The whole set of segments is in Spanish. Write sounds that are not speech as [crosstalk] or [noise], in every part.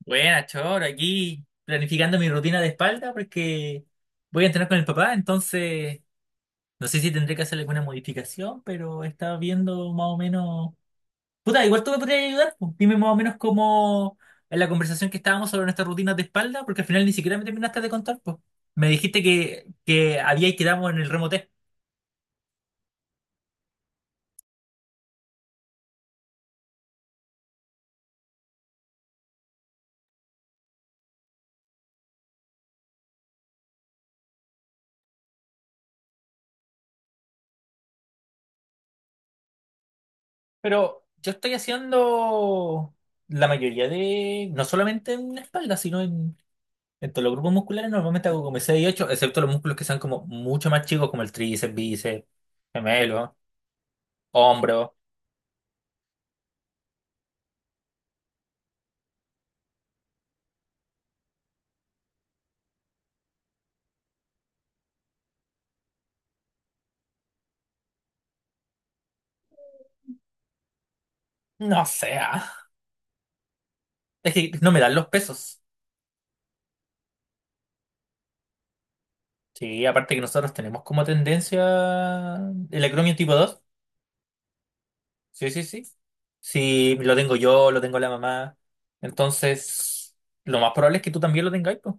Buena, Choro, aquí planificando mi rutina de espalda porque voy a entrenar con el papá, entonces no sé si tendré que hacer alguna modificación, pero estaba viendo más o menos. Puta, igual tú me podrías ayudar, pues. Dime más o menos cómo en la conversación que estábamos sobre nuestras rutinas de espalda, porque al final ni siquiera me terminaste de contar, pues. Me dijiste que había y quedamos en el remote, pero yo estoy haciendo la mayoría de, no solamente en espalda, sino en... Entonces, los grupos musculares normalmente hago como 6 y 8, excepto los músculos que sean como mucho más chicos, como el tríceps, bíceps, gemelo, hombro. No sé. Ah. Es que no me dan los pesos. Sí, aparte que nosotros tenemos como tendencia el acromio tipo dos. Sí, sí, sí. Sí, lo tengo yo, lo tengo la mamá. Entonces, lo más probable es que tú también lo tengas, pues.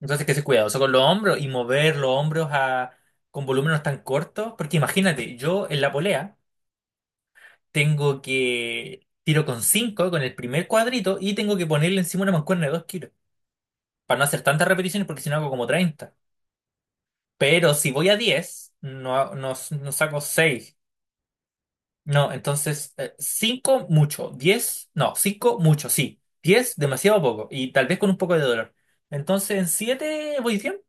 Entonces, que ser cuidadoso con los hombros y mover los hombros a, con volúmenes tan cortos. Porque imagínate, yo en la polea tengo que tiro con 5 con el primer cuadrito y tengo que ponerle encima una mancuerna de 2 kilos para no hacer tantas repeticiones porque si no hago como 30. Pero si voy a 10 no, no, no saco seis. No, entonces 5 mucho, 10 no, 5 mucho, sí. 10 demasiado poco y tal vez con un poco de dolor. Entonces en 7 voy bien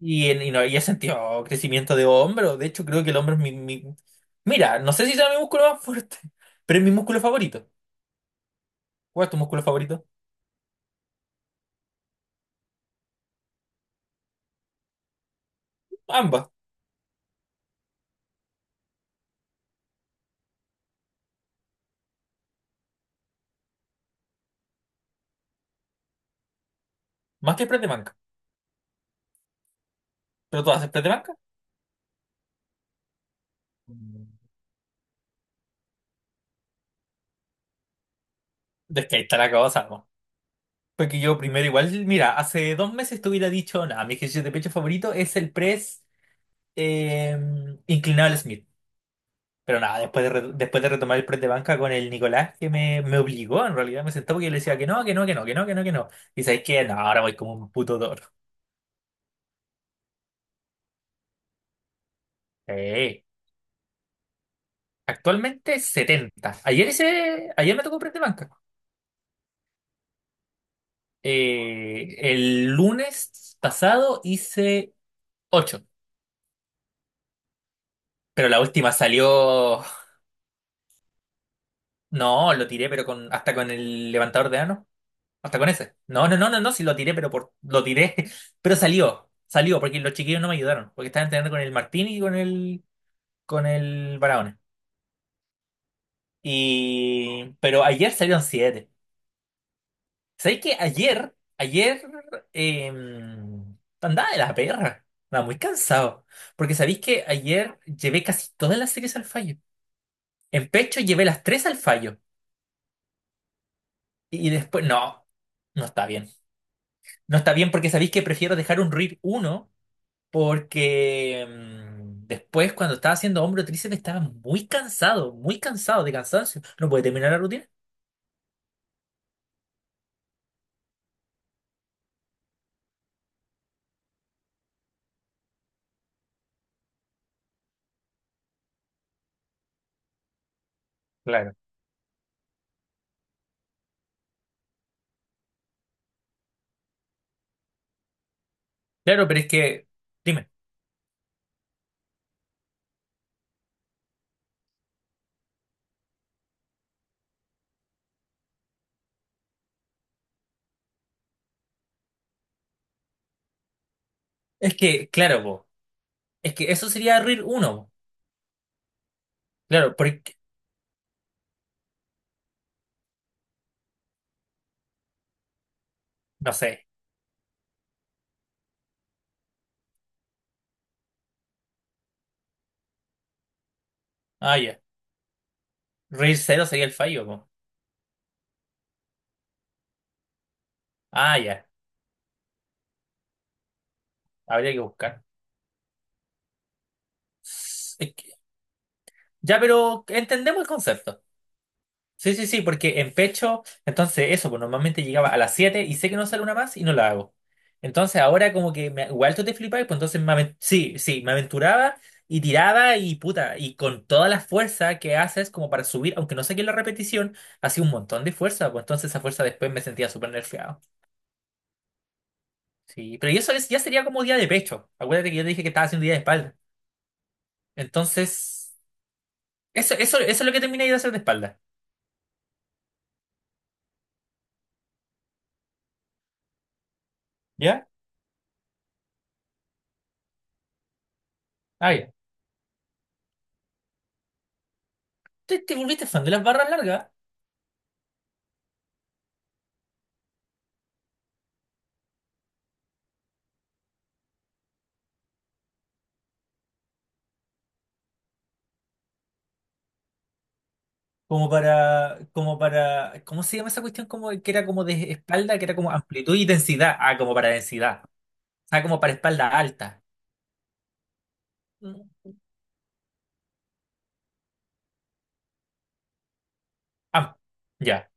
y, y, no, y he sentido crecimiento de hombro. De hecho creo que el hombro es mi. Mira, no sé si sea mi músculo más fuerte, [laughs] pero es mi músculo favorito. ¿Cuál es tu músculo favorito? Ambas, más que Spray de banca. ¿Pero tú haces Spray de banca? Mm. Es que ahí está la cosa, ¿no? Porque yo primero igual, mira, hace 2 meses te hubiera dicho, nada, mi ejercicio de pecho favorito es el press eh, inclinado al Smith. Pero nada, después de retomar el press de banca con el Nicolás, que me obligó, en realidad me sentó porque yo le decía que no, que no, que no, que no, que no, que no. Y sabéis que no, ahora voy como un puto toro. Eh, Actualmente 70. Ayer, ayer me tocó press de banca. El lunes pasado hice 8. Pero la última salió. No, lo tiré, pero con hasta con el levantador de ano. Hasta con ese. No, no, no, no, no, sí lo tiré, pero por lo tiré. [laughs] Pero salió. Salió, porque los chiquillos no me ayudaron. Porque estaban entrenando con el Martín y con el Barahona. Y. Pero ayer salieron 7. ¿Sabéis que ayer? Ayer, eh, andaba de la perra. Andaba muy cansado. Porque sabéis que ayer llevé casi todas las series al fallo. En pecho llevé las tres al fallo. Y después, no, no está bien. No está bien porque sabéis que prefiero dejar un RIR uno porque después cuando estaba haciendo hombro tríceps estaba muy cansado de cansancio. No puede terminar la rutina. Claro. Claro, pero es que, dime, es que, claro, po, es que eso sería RIR uno, po. Claro, porque, no sé, ah, ya, RIR cero sería el fallo, po. Ah, ya, habría que buscar. Es que- ya, pero entendemos el concepto. Sí, sí, sí, porque en pecho, entonces eso, pues normalmente llegaba a las 7 y sé que no sale una más y no la hago. Entonces ahora como que igual tú te flipáis, pues entonces sí, sí, me aventuraba y tiraba y puta, y con toda la fuerza que haces como para subir, aunque no saqué la repetición, hacía un montón de fuerza, pues entonces esa fuerza después me sentía súper nerfeado. Sí, pero y ya sería como día de pecho. Acuérdate que yo te dije que estaba haciendo día de espalda. Entonces, eso es lo que terminé de hacer de espalda. ¿Ya? Ah, ya. ¿Te volviste fan de las barras largas? Como para, ¿cómo se llama esa cuestión? Como que era como de espalda, que era como amplitud y densidad. Ah, como para densidad. Ah, como para espalda alta. Mm. Ah, ya.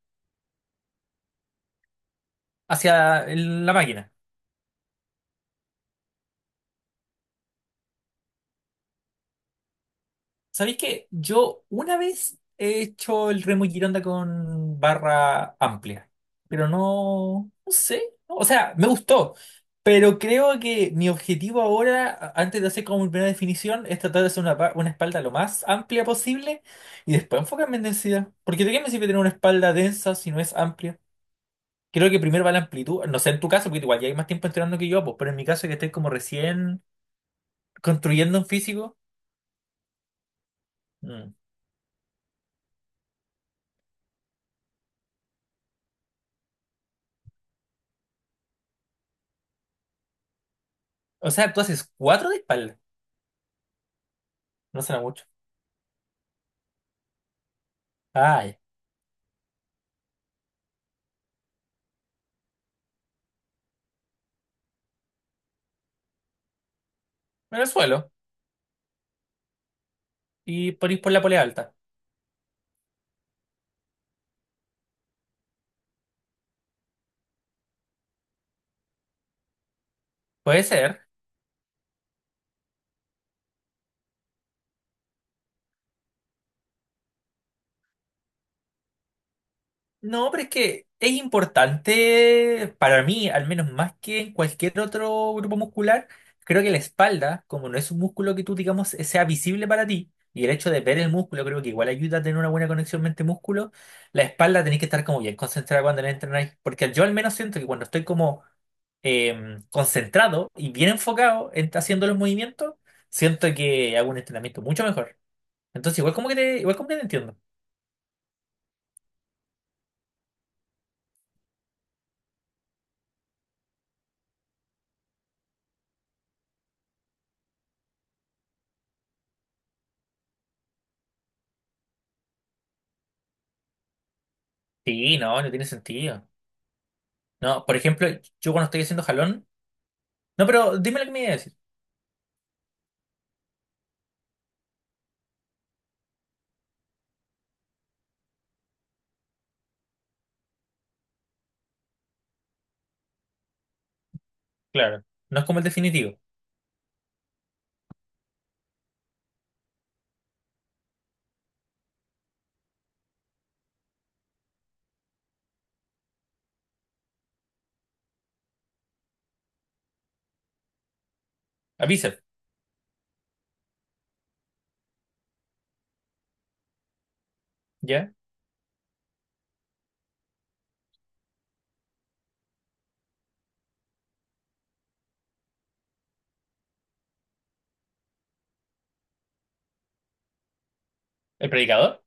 Hacia la máquina. ¿Sabéis que yo una vez he hecho el remo y Gironda con barra amplia? Pero no, no sé. ¿No? O sea, me gustó. Pero creo que mi objetivo ahora, antes de hacer como mi primera definición, es tratar de hacer una, una espalda lo más amplia posible y después enfocarme en densidad. Porque ¿de qué me sirve tener una espalda densa si no es amplia? Creo que primero va la amplitud. No sé en tu caso, porque igual ya hay más tiempo entrenando que yo, pues, pero en mi caso que estoy como recién construyendo un físico. Mm. O sea, tú haces cuatro de espalda. No será mucho. Ay, Venezuela. Y por ir por la polea alta. Puede ser. No, pero es que es importante para mí, al menos más que en cualquier otro grupo muscular. Creo que la espalda, como no es un músculo que tú, digamos, sea visible para ti, y el hecho de ver el músculo creo que igual ayuda a tener una buena conexión mente-músculo, la espalda tenéis que estar como bien concentrada cuando la entrenáis. Porque yo al menos siento que cuando estoy como concentrado y bien enfocado en haciendo los movimientos, siento que hago un entrenamiento mucho mejor. Entonces, igual como que te, igual como que te entiendo. Sí, no, no tiene sentido. No, por ejemplo, yo cuando estoy haciendo jalón. No, pero dime lo que me iba a decir. Claro. No es como el definitivo. A bíceps, ¿ya? ¿El predicador?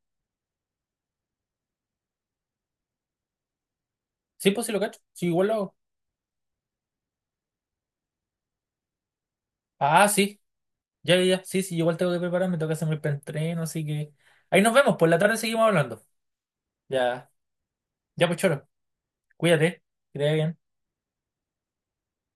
Sí, pues sí lo cacho. Sí, igual lo hago. Ah, sí. Ya, ya, ya. Sí, sí, igual tengo que prepararme, tengo que hacer mi preentreno, así que. Ahí nos vemos, por la tarde seguimos hablando. Ya, ya, pues, Choro. Cuídate. Que te vaya bien.